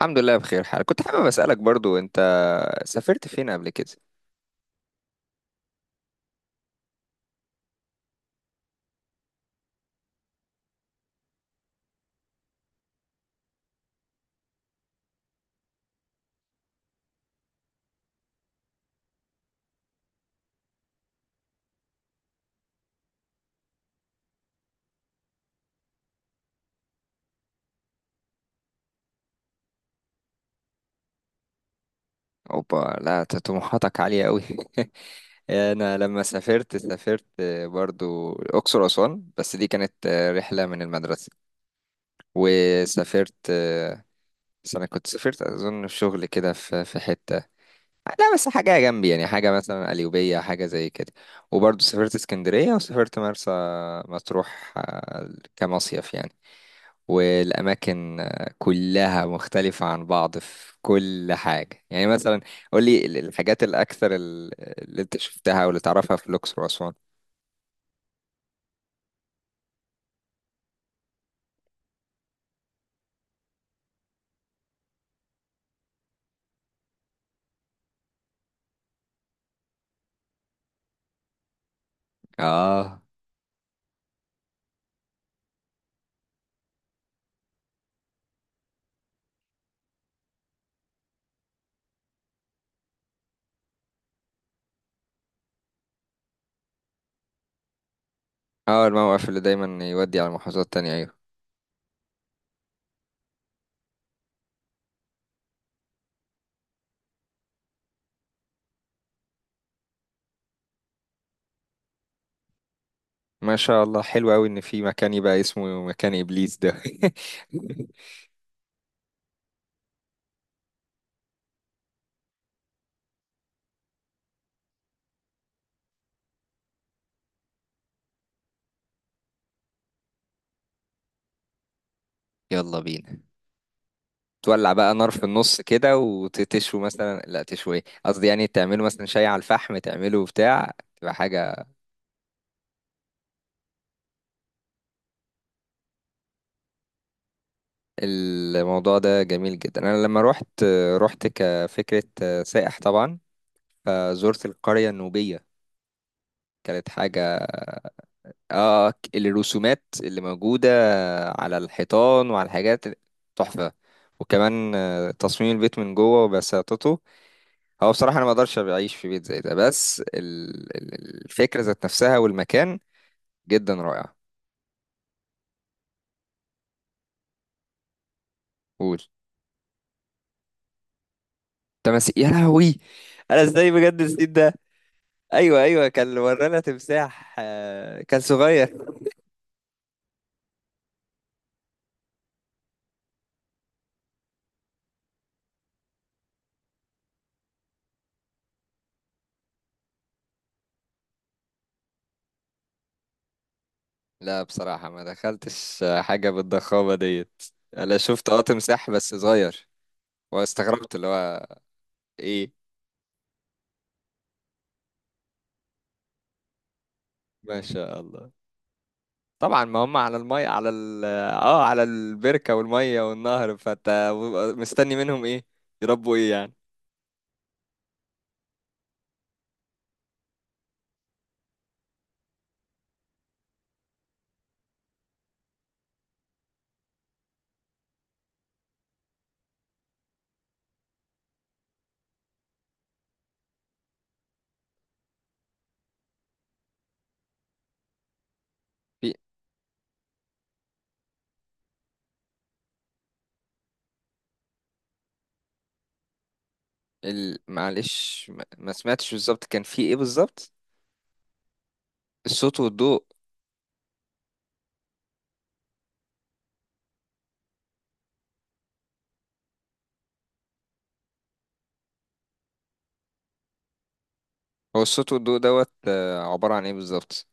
الحمد لله بخير حال. كنت حابب أسألك برضو أنت سافرت فين قبل كده؟ أوبا، لا طموحاتك عالية أوي. أنا لما سافرت، سافرت برضو الأقصر وأسوان، بس دي كانت رحلة من المدرسة. وسافرت، بس أنا كنت سافرت أظن في شغل كده في حتة، لا بس حاجة جنبي، يعني حاجة مثلا قليوبية حاجة زي كده. وبرضو سافرت اسكندرية وسافرت مرسى مطروح، كمصيف يعني. والأماكن كلها مختلفة عن بعض في كل حاجة، يعني مثلا قولي الحاجات الأكثر، اللي أنت شفتها أو اللي تعرفها في الأقصر وأسوان. آه، آه، الموقف اللي دايما يودي على محافظات تانية، أيوة. ما شاء الله، حلو أوي إن في مكان يبقى اسمه مكان إبليس ده. يلا بينا، تولع بقى نار في النص كده وتشوي مثلا، لا تشوي قصدي، يعني تعملوا مثلا شاي على الفحم، تعملوا بتاع تبقى حاجة. الموضوع ده جميل جدا. انا لما روحت، روحت كفكرة سائح طبعا، فزرت القرية النوبية. كانت حاجة. اه، الرسومات اللي موجودة على الحيطان وعلى الحاجات تحفة. وكمان تصميم البيت من جوه وبساطته. هو بصراحة انا ما اقدرش اعيش في بيت زي ده، بس الفكرة ذات نفسها والمكان جدا رائع. قول. تمسي يا لهوي. انا ازاي بجد نسيت ده. ايوه، ايوه، كان ورانا تمساح، كان صغير. لا بصراحة ما دخلتش حاجة بالضخامة ديت. أنا شفت تمساح بس صغير، واستغربت اللي هو إيه. ما شاء الله. طبعا ما هم على المية، على ال اه على البركة والمية والنهر، فأنت مستني منهم إيه، يربوا إيه يعني. في معلش، ما سمعتش بالظبط كان في إيه بالظبط. الصوت والضوء. هو الصوت والضوء دوت عبارة عن إيه بالظبط.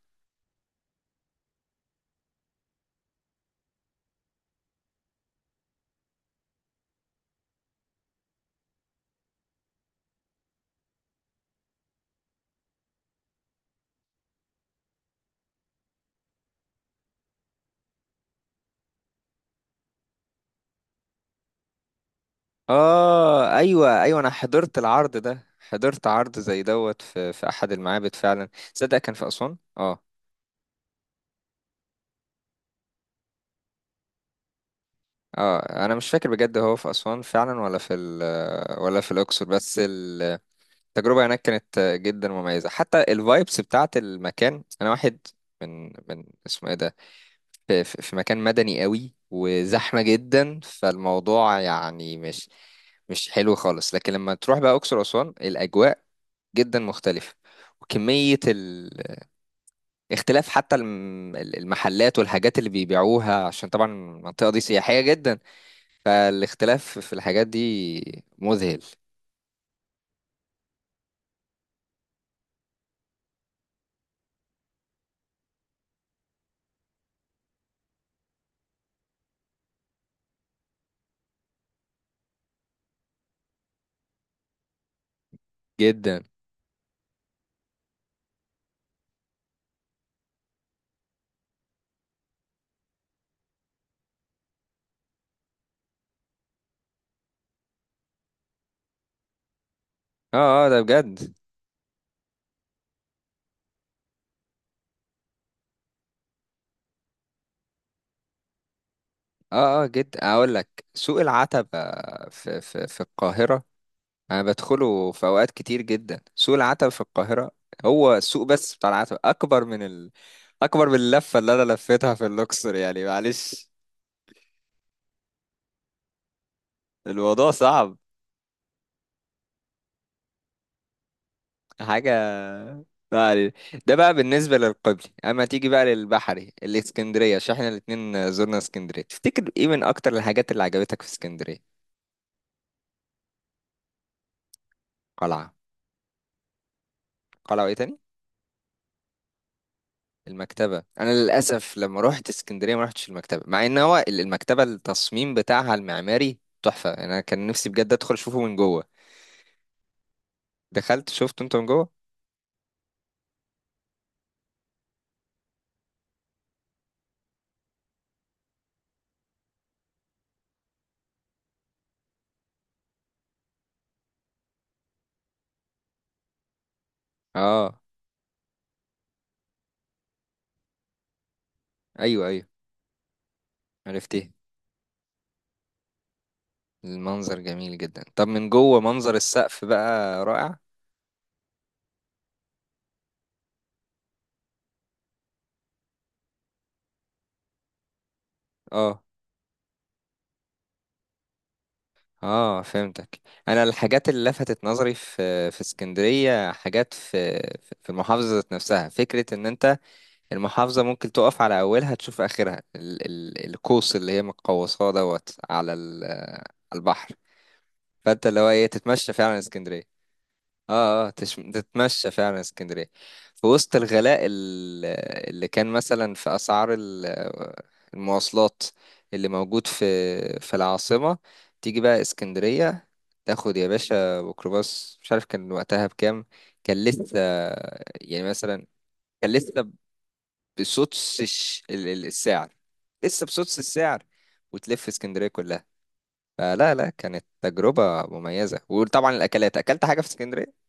اه، ايوه، ايوه، انا حضرت العرض ده، حضرت عرض زي دوت في احد المعابد فعلا. تصدق كان في اسوان، اه. اه، انا مش فاكر بجد هو في اسوان فعلا، ولا في ولا في الاقصر، بس التجربه هناك كانت جدا مميزه، حتى الفايبس بتاعت المكان. انا واحد من اسمه ايه ده، في مكان مدني قوي وزحمه جدا، فالموضوع يعني مش حلو خالص. لكن لما تروح بقى اقصر واسوان، الاجواء جدا مختلف. وكمية الاختلاف، حتى المحلات والحاجات اللي بيبيعوها، عشان طبعا المنطقة دي سياحية جدا، فالاختلاف في الحاجات دي مذهل جدا. اه، اه، ده بجد. اه، اه، جدا. اقول لك سوق العتبة، في القاهرة. انا بدخله في اوقات كتير جدا، سوق العتبة في القاهرة. هو السوق بس بتاع العتبة اكبر من اكبر من اللفة اللي انا لفيتها في اللوكسور، يعني معلش. الموضوع صعب حاجة. ما علينا. ده بقى بالنسبة للقبلي، أما تيجي بقى للبحري الإسكندرية، عشان احنا الاتنين زرنا اسكندرية، تفتكر ايه من أكتر الحاجات اللي عجبتك في اسكندرية؟ قلعة. قلعة، وايه تاني؟ المكتبة. أنا للأسف لما روحت اسكندرية ما روحتش المكتبة، مع إن هو المكتبة التصميم بتاعها المعماري تحفة. أنا كان نفسي بجد أدخل أشوفه من جوه. دخلت شفته أنت من جوه؟ آه، أيوه، أيوه، عرفت ايه. المنظر جميل جدا. طب من جوه منظر السقف بقى رائع. آه، اه، فهمتك. انا الحاجات اللي لفتت نظري في اسكندريه، حاجات في المحافظه ذات نفسها. فكره ان انت المحافظه ممكن تقف على اولها تشوف اخرها. ال القوس اللي هي متقوساه دوت على على البحر، فانت اللي هو ايه تتمشى فعلا اسكندريه. اه، اه، تتمشى فعلا اسكندرية، في وسط الغلاء، اللي كان مثلا في أسعار المواصلات اللي موجود في العاصمة. تيجي بقى اسكندرية، تاخد يا باشا ميكروباص، مش عارف كان وقتها بكام. كان لسه، يعني مثلا، كان لسه بسدس السعر، لسه بسدس السعر، وتلف اسكندرية كلها. فلا، لا، كانت تجربة مميزة. وطبعا الأكلات، أكلت حاجة في اسكندرية.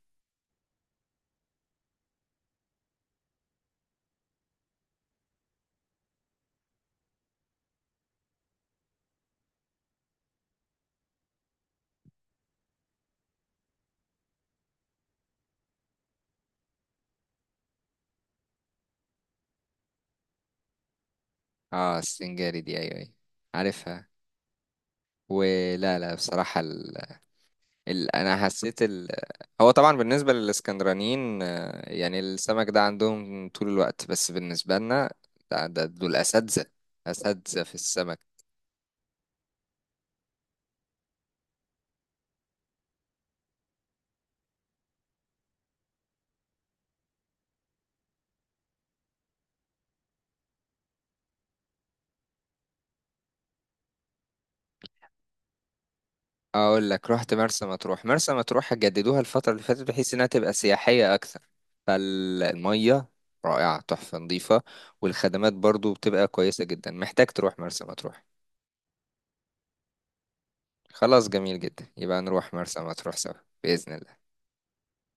اه، السنجاري دي، ايوه، ايوه، عارفها. ولا، لا، بصراحة انا حسيت هو طبعا بالنسبة للاسكندرانيين، يعني السمك ده عندهم طول الوقت، بس بالنسبة لنا ده دول اساتذة، اساتذة في السمك. اقول لك رحت مرسى مطروح. مرسى مطروح جددوها الفترة اللي فاتت بحيث انها تبقى سياحية اكثر. فالمية رائعة تحفة نظيفة، والخدمات برضو بتبقى كويسة جدا. محتاج تروح مرسى مطروح. خلاص جميل جدا، يبقى نروح مرسى مطروح سوا بإذن الله.